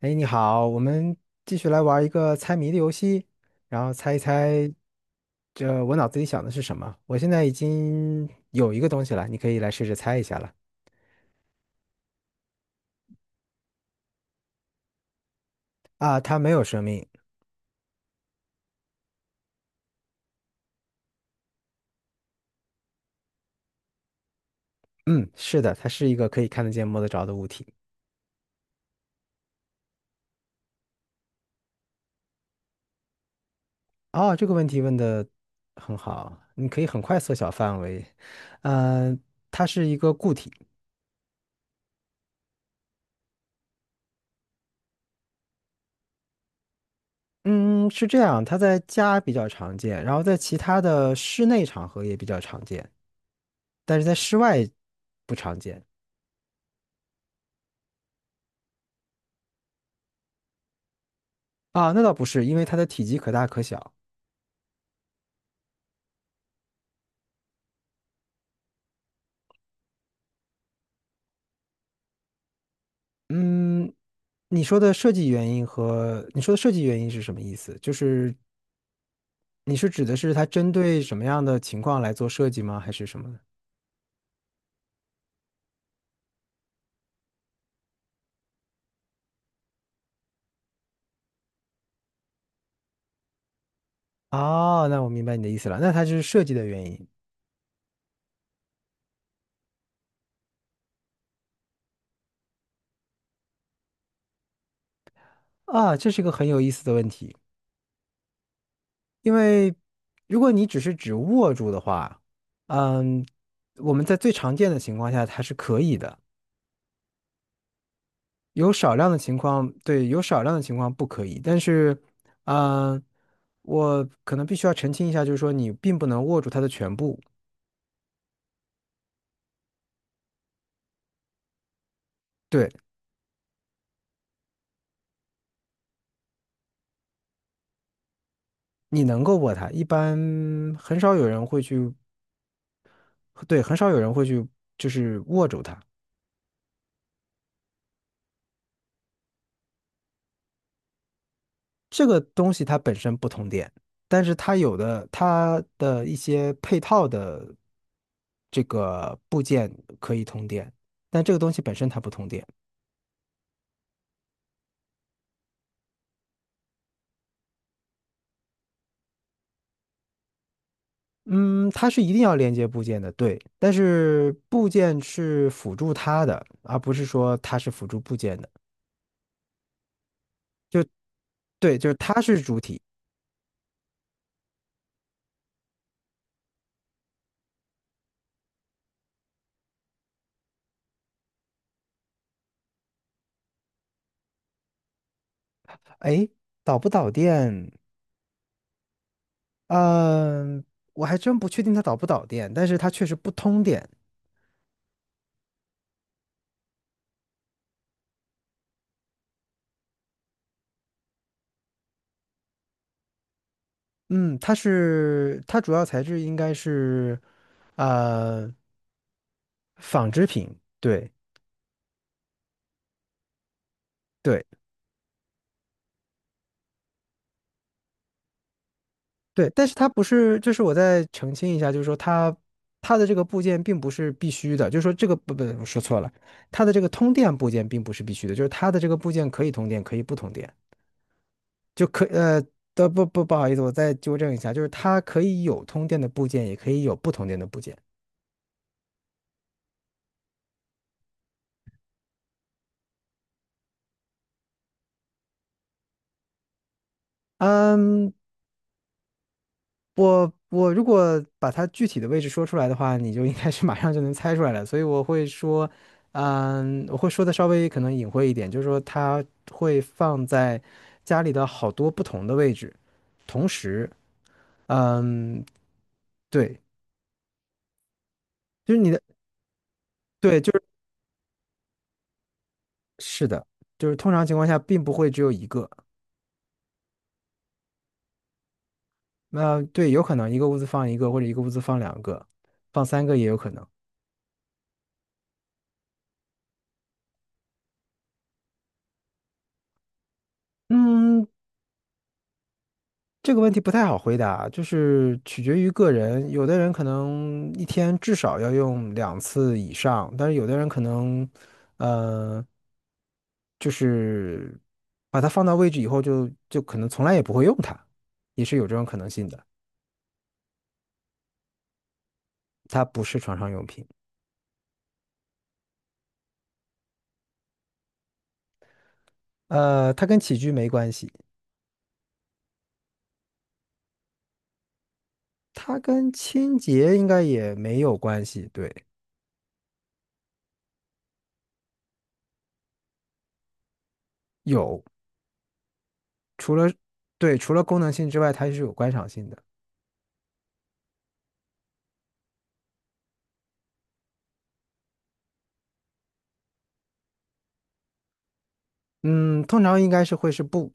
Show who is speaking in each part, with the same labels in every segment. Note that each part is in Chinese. Speaker 1: 哎，你好，我们继续来玩一个猜谜的游戏，然后猜一猜，这我脑子里想的是什么？我现在已经有一个东西了，你可以来试着猜一下了。啊，它没有生命。嗯，是的，它是一个可以看得见、摸得着的物体。哦，这个问题问的很好，你可以很快缩小范围。嗯、它是一个固体。嗯，是这样，它在家比较常见，然后在其他的室内场合也比较常见，但是在室外不常见。啊，那倒不是，因为它的体积可大可小。嗯，你说的设计原因和你说的设计原因是什么意思？就是你是指的是它针对什么样的情况来做设计吗？还是什么呢？哦，那我明白你的意思了，那它就是设计的原因。啊，这是一个很有意思的问题，因为如果你只是指握住的话，嗯，我们在最常见的情况下它是可以的。有少量的情况，对，有少量的情况不可以，但是，嗯、我可能必须要澄清一下，就是说你并不能握住它的全部，对，你能够握它，一般很少有人会去，对，很少有人会去握住它。这个东西它本身不通电，但是它的一些配套的这个部件可以通电，但这个东西本身它不通电。嗯，它是一定要连接部件的，对，但是部件是辅助它的，而不是说它是辅助部件的。对，就是它是主体。哎，导不导电？嗯，我还真不确定它导不导电，但是它确实不通电。嗯，它主要材质应该是呃纺织品，对对。对，但是它不是，就是我再澄清一下，就是说它的这个部件并不是必须的，就是说这个不不，我说错了，它的这个通电部件并不是必须的，就是它的这个部件可以通电，可以不通电，就可呃的不不不好意思，我再纠正一下，就是它可以有通电的部件，也可以有不通电的部件。嗯，我如果把它具体的位置说出来的话，你就应该是马上就能猜出来了。所以我会说，嗯，我会说的稍微可能隐晦一点，就是说它会放在家里的好多不同的位置，同时，嗯，对，就是你的，对，是的，就是通常情况下并不会只有一个。对，有可能一个屋子放一个，或者一个屋子放两个，放三个也有可能。嗯，这个问题不太好回答，就是取决于个人。有的人可能一天至少要用两次以上，但是有的人可能，呃，就是把它放到位置以后就，就可能从来也不会用它，也是有这种可能性的。它不是床上用品，它跟起居没关系，它跟清洁应该也没有关系。对，有，除了对除了功能性之外，它是有观赏性的。嗯，通常应该是会是布。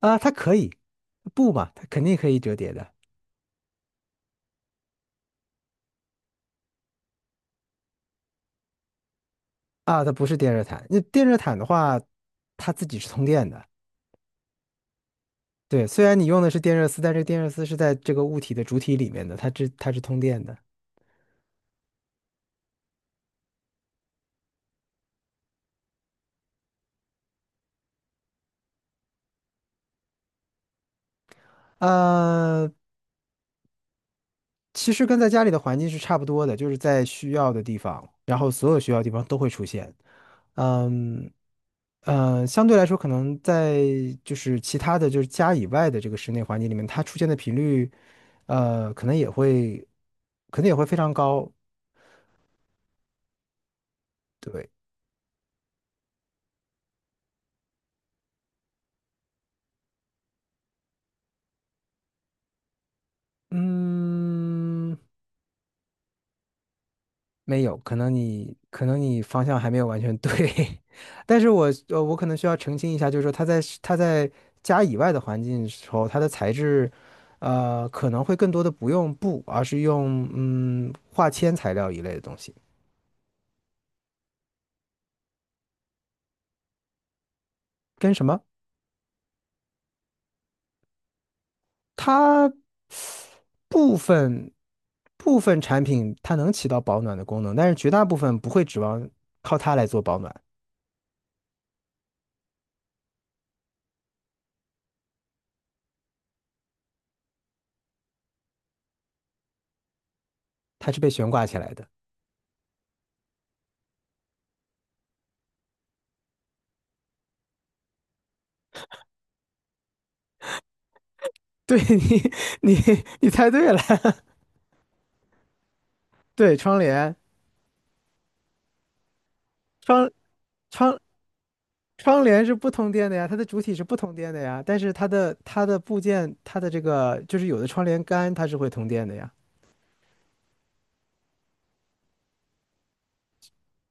Speaker 1: 啊，它可以，不嘛，它肯定可以折叠的。啊，它不是电热毯。那电热毯的话，它自己是通电的。对，虽然你用的是电热丝，但这个电热丝是在这个物体的主体里面的，它是通电的。呃，其实跟在家里的环境是差不多的，就是在需要的地方，然后所有需要的地方都会出现。嗯相对来说，可能在其他的就是家以外的这个室内环境里面，它出现的频率，可能也会，可能也会非常高。对，嗯，没有，可能你方向还没有完全对，但是我可能需要澄清一下，就是说它在家以外的环境的时候，它的材质，可能会更多的不用布，而是用化纤材料一类的东西，跟什么？它部分部分产品它能起到保暖的功能，但是绝大部分不会指望靠它来做保暖，它是被悬挂起来的。对 你，你你猜对了，对窗帘，窗窗窗帘是不通电的呀，它的主体是不通电的呀，但是它的部件，它的这个有的窗帘杆它是会通电的呀，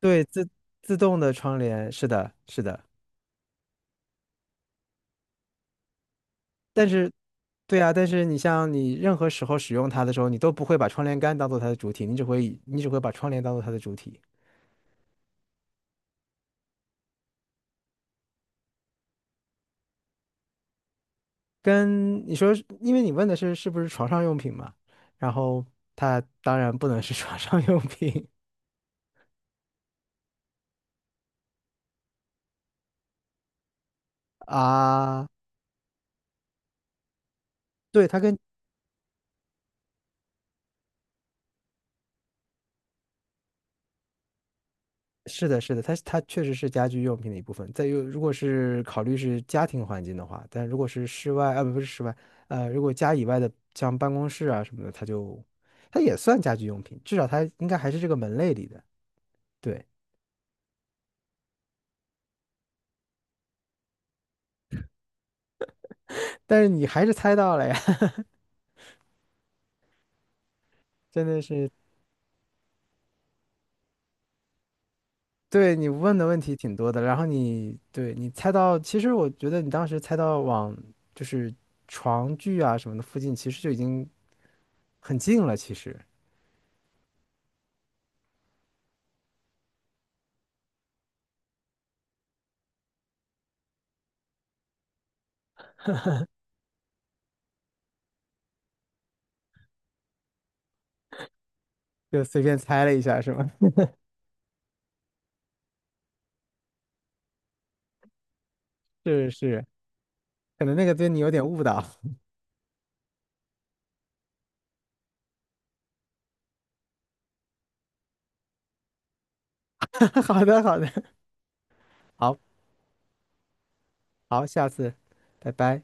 Speaker 1: 对，自动的窗帘，是的，是的，但是对呀，但是你像你任何时候使用它的时候，你都不会把窗帘杆当做它的主体，你只会把窗帘当做它的主体，跟你说，因为你问的是是不是床上用品嘛，然后它当然不能是 床上用品。啊，对，是的，是的，它确实是家居用品的一部分。再有，如果是考虑是家庭环境的话，但如果是室外，啊，不是室外，如果家以外的，像办公室啊什么的，它也算家居用品，至少它应该还是这个门类里的。对，但是你还是猜到了呀。对，你问的问题挺多的，然后你对你猜到，其实我觉得你当时猜到往就是床具啊什么的附近，其实就已经很近了，其实就随便猜了一下，是吗？是是，可能那个对你有点误导。好的，好的，好好，下次，拜拜。